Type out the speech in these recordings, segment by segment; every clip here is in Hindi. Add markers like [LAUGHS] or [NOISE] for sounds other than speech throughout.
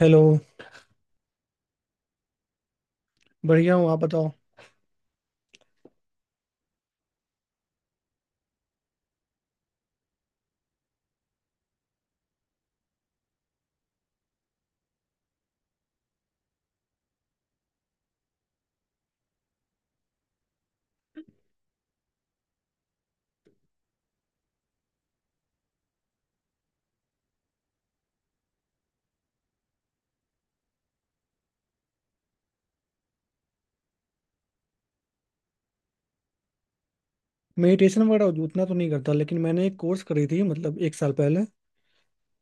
हेलो। बढ़िया हूँ आप बताओ। मेडिटेशन वगैरह उतना तो नहीं करता, लेकिन मैंने एक कोर्स करी थी मतलब एक साल पहले।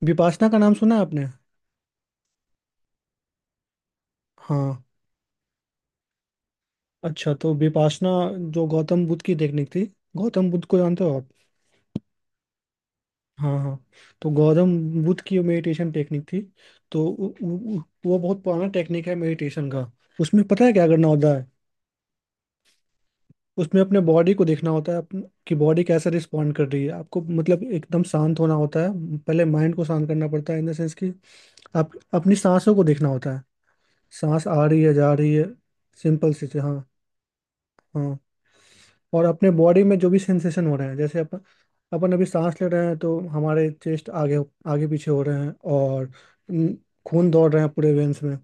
विपासना का नाम सुना है आपने? हाँ। अच्छा तो विपासना जो गौतम बुद्ध की टेक्निक थी। गौतम बुद्ध को जानते हो? हाँ हाँ। तो गौतम बुद्ध की मेडिटेशन टेक्निक थी। तो वो बहुत पुराना टेक्निक है मेडिटेशन का। उसमें पता है क्या करना होता है? उसमें अपने बॉडी को देखना होता है कि बॉडी कैसे रिस्पॉन्ड कर रही है आपको। मतलब एकदम शांत होना होता है, पहले माइंड को शांत करना पड़ता है, इन द सेंस कि आप अपनी सांसों को देखना होता है। सांस आ रही है, जा रही है। सिंपल सी चीज़, हाँ। हाँ, और अपने बॉडी में जो भी सेंसेशन हो रहे हैं, जैसे अपन अपन अभी सांस ले रहे हैं तो हमारे चेस्ट आगे आगे पीछे हो रहे हैं। और न- खून दौड़ रहे हैं पूरे वेन्स में।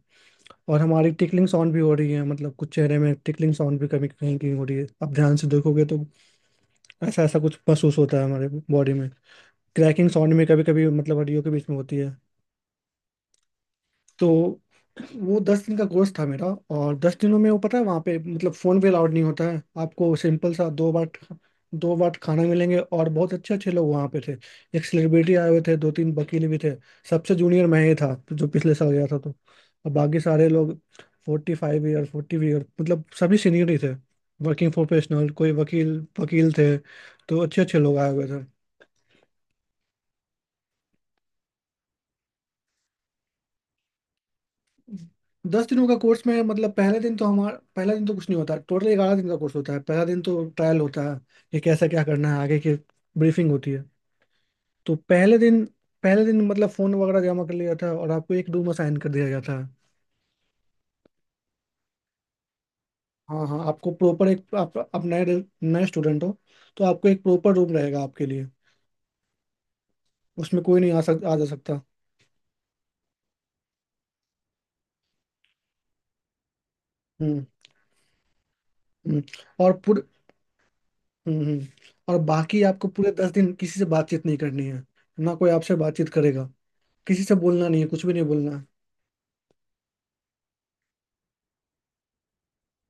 और हमारी टिकलिंग साउंड भी हो रही है। मतलब कुछ चेहरे में टिकलिंग साउंड भी कभी कहीं कहीं हो रही है, आप ध्यान से देखोगे तो। ऐसा ऐसा कुछ महसूस होता है हमारे बॉडी में। क्रैकिंग साउंड में कभी कभी, मतलब हड्डियों के बीच में होती है। तो वो 10 दिन का कोर्स था मेरा। और 10 दिनों में वो पता है वहाँ पे मतलब फ़ोन भी अलाउड नहीं होता है आपको। सिंपल सा दो बार खाना मिलेंगे। और बहुत अच्छे अच्छे लोग वहाँ पे थे। एक सेलिब्रिटी आए हुए थे, दो तीन वकील भी थे। सबसे जूनियर मैं ही था जो पिछले साल गया था। तो और बाकी सारे लोग 45 ईयर, 40 ईयर, मतलब सभी सीनियर ही थे। वर्किंग प्रोफेशनल, कोई वकील वकील थे तो। अच्छे अच्छे लोग आए हुए थे। 10 दिनों का कोर्स में मतलब पहले दिन तो हमारा पहला दिन तो कुछ नहीं होता। टोटल 11 दिन का कोर्स होता है, पहला दिन तो ट्रायल होता है कि कैसा क्या करना है, आगे की ब्रीफिंग होती है। तो पहले दिन मतलब फोन वगैरह जमा कर लिया जाता है और आपको एक रूम असाइन कर दिया जाता है। हाँ हाँ। आपको प्रॉपर एक आप नए नए स्टूडेंट हो, तो आपको एक प्रॉपर रूम रहेगा आपके लिए। उसमें कोई नहीं आ जा सकता। हम्म। हम्म। और पूरे हम्म। हम्म। और बाकी आपको पूरे 10 दिन किसी से बातचीत नहीं करनी है, ना कोई आपसे बातचीत करेगा। किसी से बोलना नहीं है, कुछ भी नहीं बोलना है।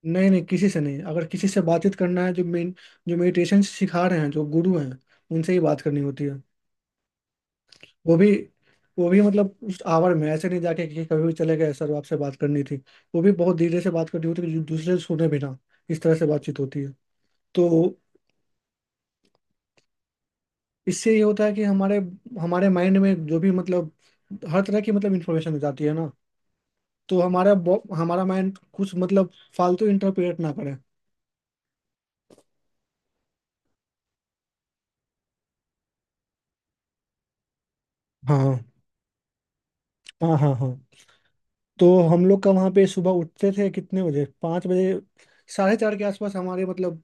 नहीं नहीं, किसी से नहीं। अगर किसी से बातचीत करना है, जो मेडिटेशन सिखा रहे हैं, जो गुरु हैं, उनसे ही बात करनी होती है। वो भी वो भी मतलब उस आवर में ऐसे नहीं जाके कि कभी भी चले गए सर आपसे बात करनी थी। वो भी बहुत धीरे से बात करनी होती है कि दूसरे सुने बिना। इस तरह से बातचीत होती है। तो इससे ये होता है कि हमारे हमारे माइंड में जो भी मतलब हर तरह की मतलब इंफॉर्मेशन जाती है ना। तो हमारा माइंड कुछ मतलब फालतू इंटरप्रेट ना करे। हाँ हाँ हाँ हाँ। तो हम लोग का वहाँ पे सुबह उठते थे कितने बजे, 5 बजे, 4:30 के आसपास। हमारे मतलब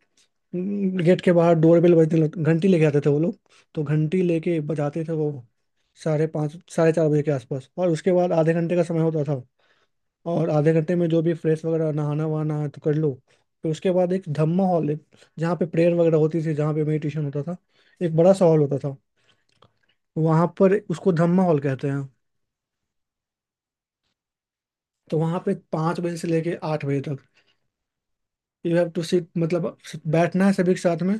गेट के बाहर डोर बेल बजने लग घंटी लेके आते थे वो लोग। तो घंटी लेके बजाते थे वो 5:30 4:30 बजे के आसपास। और उसके बाद आधे घंटे का समय होता था। और आधे घंटे में जो भी फ्रेश वगैरह नहाना वहाना है तो कर लो। फिर उसके बाद एक धम्मा हॉल है, जहाँ पे प्रेयर वगैरह होती थी, जहाँ पे मेडिटेशन होता था। एक बड़ा सा हॉल होता था। वहाँ पर उसको धम्मा हॉल कहते हैं। तो वहाँ पे 5 बजे से लेके 8 बजे तक यू हैव टू सिट, मतलब बैठना है सभी के साथ में।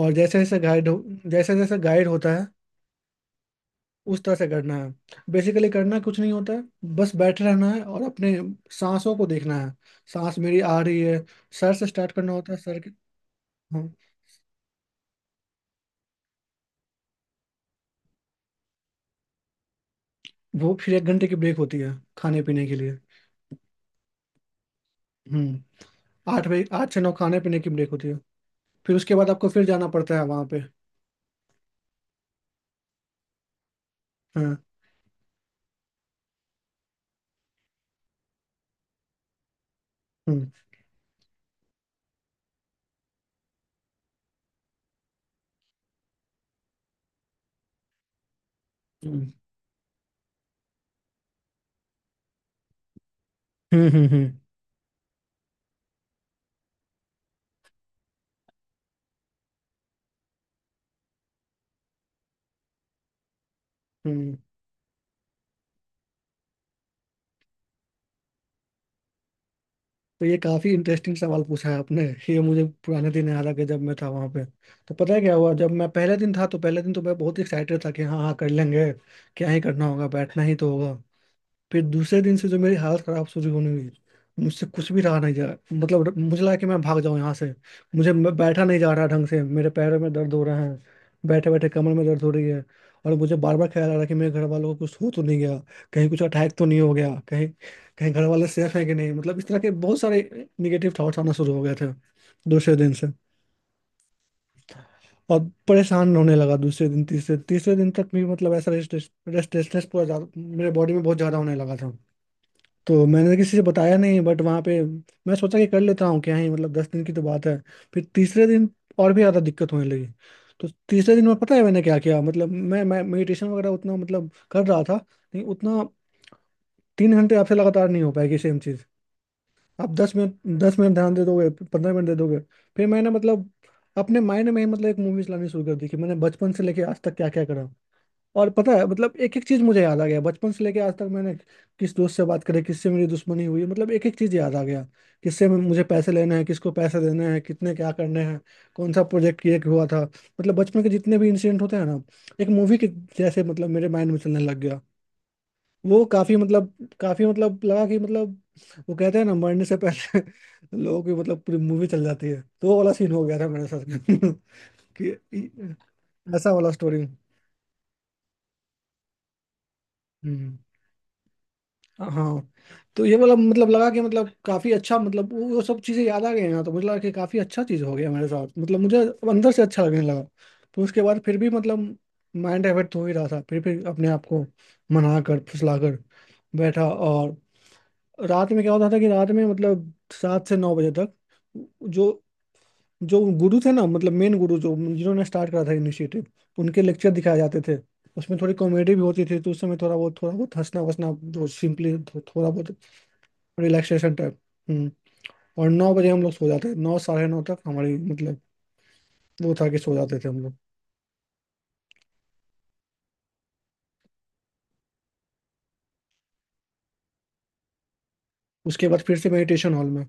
और जैसे जैसे गाइड होता है उस तरह से करना है। बेसिकली करना कुछ नहीं होता है, बस बैठे रहना है और अपने सांसों को देखना है। सांस मेरी आ रही है। सर से स्टार्ट करना होता है, सर के। हाँ। वो फिर 1 घंटे की ब्रेक होती है खाने पीने के लिए। हम्म। 8 बजे, 8 से 9 खाने पीने की ब्रेक होती है। फिर उसके बाद आपको फिर जाना पड़ता है वहाँ पे। हाँ। हम्म। हम्म। हम्म। हम्म। हम्म। तो ये काफी इंटरेस्टिंग सवाल पूछा है आपने। ये मुझे पुराने दिन याद आ गए जब मैं था वहां पे। तो पता है क्या हुआ? जब मैं पहले दिन था तो पहले दिन तो मैं बहुत एक्साइटेड था कि हाँ हाँ कर लेंगे, क्या ही करना होगा, बैठना ही तो होगा। फिर दूसरे दिन से जो मेरी हालत खराब शुरू होने हुई, मुझसे कुछ भी रहा नहीं जा। मतलब मुझे लगा कि मैं भाग जाऊं यहाँ से। मुझे मैं बैठा नहीं जा रहा ढंग से, मेरे पैरों में दर्द हो रहा है, बैठे बैठे कमर में दर्द हो रही है। और मुझे बार बार ख्याल आ रहा है कि मेरे घर वालों को कुछ हो तो नहीं गया, कहीं कुछ अटैक तो नहीं हो गया कहीं, घर वाले सेफ है कि नहीं। मतलब इस तरह के बहुत सारे निगेटिव थॉट्स आना शुरू हो गए थे दूसरे दिन से। और परेशान होने लगा दूसरे दिन, तीसरे तीसरे दिन तक भी मतलब ऐसा रेस्टलेस रेस्टलेसनेस पूरा मेरे बॉडी में बहुत ज्यादा होने लगा था। तो मैंने तो किसी से बताया नहीं बट वहाँ पे। मैं सोचा कि कर लेता हूँ, क्या ही मतलब 10 दिन की तो बात है। फिर तीसरे दिन और भी ज़्यादा दिक्कत होने लगी। तो तीसरे दिन में पता है मैंने क्या किया? मतलब मैं मेडिटेशन वगैरह उतना मतलब कर रहा था नहीं उतना। 3 घंटे आपसे लगातार नहीं हो पाएगी सेम चीज़। आप 10 मिनट ध्यान दे दोगे, 15 मिनट दे दोगे। फिर मैंने मतलब अपने माइंड में ही मतलब एक मूवीज लानी शुरू कर दी, कि मैंने बचपन से लेके आज तक क्या क्या करा। और पता है मतलब एक एक चीज मुझे याद आ गया, बचपन से लेके आज तक मैंने किस दोस्त से बात करी, किससे मेरी दुश्मनी हुई, मतलब एक एक चीज याद आ गया। मुझे पैसे लेने हैं, किसको पैसे देने हैं, कितने क्या करने हैं, कौन सा प्रोजेक्ट ये हुआ था। मतलब बचपन के जितने भी इंसिडेंट होते हैं ना, एक मूवी के जैसे, मतलब मेरे माइंड में चलने लग गया। वो काफी मतलब लगा कि मतलब वो कहते हैं ना, मरने से पहले [LAUGHS] लोगों की मतलब पूरी मूवी चल जाती है। तो वो वाला सीन हो गया था मेरे साथ। [LAUGHS] कि ऐसा वाला स्टोरी, हाँ। तो ये वाला मतलब लगा कि मतलब काफी अच्छा, मतलब वो सब चीजें याद आ गई ना, तो मुझे लगा कि काफी अच्छा चीज हो गया मेरे साथ, मतलब मुझे अब अंदर से अच्छा लगने लगा। तो उसके बाद फिर भी मतलब माइंड डाइवर्ट हो ही रहा था, फिर अपने आप को मना कर फुसला कर बैठा। और रात में क्या होता था कि रात में मतलब 7 से 9 बजे तक जो जो गुरु थे ना, मतलब मेन गुरु, जो जिन्होंने स्टार्ट करा था इनिशिएटिव, उनके लेक्चर दिखाए जाते थे। उसमें थोड़ी कॉमेडी भी होती थी, तो उस समय थोड़ा बहुत, हंसना वसना जो सिंपली थोड़ा बहुत रिलैक्सेशन टाइप। हम्म। और 9 बजे हम लोग सो जाते थे, 9, 9:30 तक हमारी मतलब वो था कि सो जाते थे हम लोग। उसके बाद फिर से मेडिटेशन हॉल में।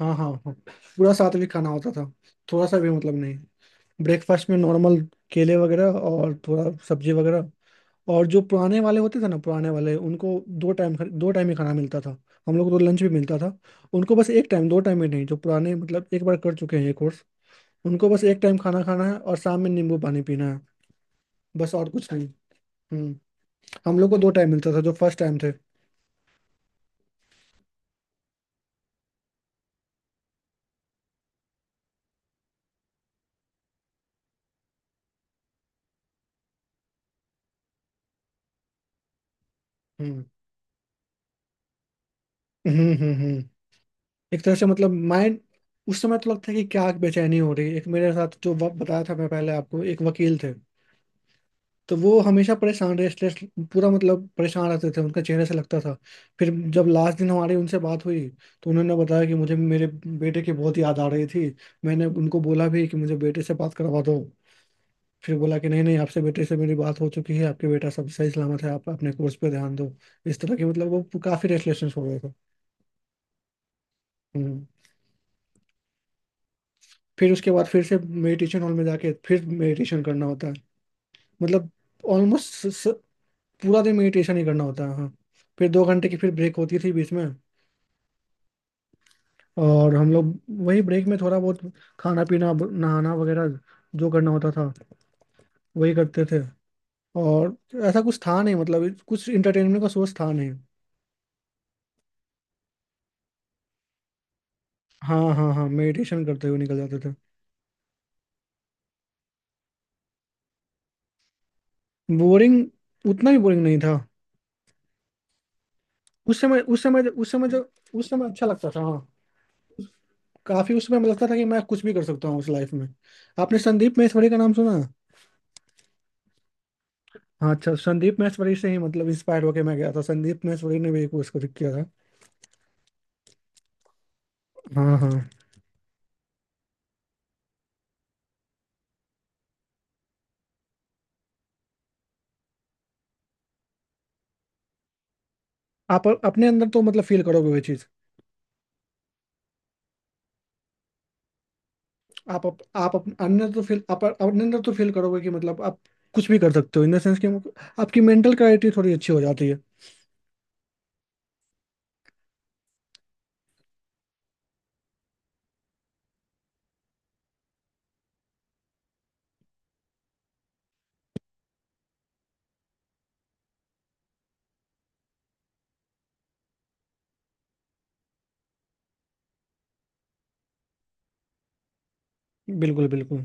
हाँ हाँ हाँ। पूरा सात्विक खाना होता था, थोड़ा सा भी मतलब नहीं। ब्रेकफास्ट में नॉर्मल केले वगैरह और थोड़ा सब्जी वगैरह। और जो पुराने वाले होते थे ना, पुराने वाले उनको दो टाइम ही खाना मिलता था। हम लोग को तो लंच भी मिलता था। उनको बस एक टाइम, दो टाइम में नहीं। जो पुराने मतलब एक बार कर चुके हैं ये कोर्स, उनको बस एक टाइम खाना खाना है और शाम में नींबू पानी पीना है, बस और कुछ नहीं। हम्म। हम लोग को दो टाइम मिलता था जो फर्स्ट टाइम थे। हम्म। हम्म। हम्म। हम्म। एक तरह से मतलब माइंड। उस समय तो लगता है कि क्या बेचैनी हो रही है। एक मेरे साथ जो वक्त बताया था मैं पहले आपको, एक वकील थे तो वो हमेशा परेशान, रेस्टलेस पूरा मतलब परेशान रहते थे, उनका चेहरे से लगता था। फिर जब लास्ट दिन हमारी उनसे बात हुई, तो उन्होंने बताया कि मुझे मेरे बेटे की बहुत याद आ रही थी। मैंने उनको बोला भी कि मुझे बेटे से बात करवा दो। फिर बोला कि नहीं नहीं आपसे, बेटे से मेरी बात हो चुकी है, आपके बेटा सब सही सलामत है, आप अपने कोर्स पे ध्यान दो। इस तरह की मतलब वो काफ़ी रेस्टलेसनेस हो गए थे। हम्म। फिर उसके बाद फिर से मेडिटेशन हॉल में जाके फिर मेडिटेशन करना होता है। मतलब ऑलमोस्ट पूरा दिन मेडिटेशन ही करना होता है, हाँ। फिर 2 घंटे की फिर ब्रेक होती थी बीच में। और हम लोग वही ब्रेक में थोड़ा बहुत खाना पीना नहाना वगैरह जो करना होता था वही करते थे। और ऐसा कुछ था नहीं मतलब कुछ इंटरटेनमेंट का सोर्स था नहीं। हाँ हाँ हाँ। मेडिटेशन करते हुए निकल जाते थे। बोरिंग, उतना भी बोरिंग नहीं था। उस समय उस समय उस समय जो उस समय अच्छा लगता था, हाँ। काफी उस समय लगता था कि मैं कुछ भी कर सकता हूँ उस लाइफ में। आपने संदीप महेश्वरी का नाम सुना? हाँ अच्छा, संदीप महेश्वरी से ही मतलब इंस्पायर होके मैं गया था, संदीप महेश्वरी ने भी कुछ कुछ किया था। हाँ हाँ। आप अपने अंदर तो मतलब फील करोगे वो चीज़। आप अपने अंदर तो फील करोगे कि मतलब आप कुछ भी कर सकते हो, इन द सेंस कि आपकी मेंटल क्लैरिटी थोड़ी अच्छी हो जाती है। बिल्कुल बिल्कुल।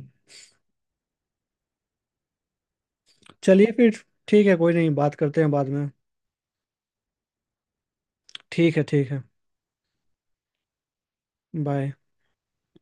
चलिए फिर, ठीक है कोई नहीं, बात करते हैं बाद में। ठीक है ठीक है। बाय।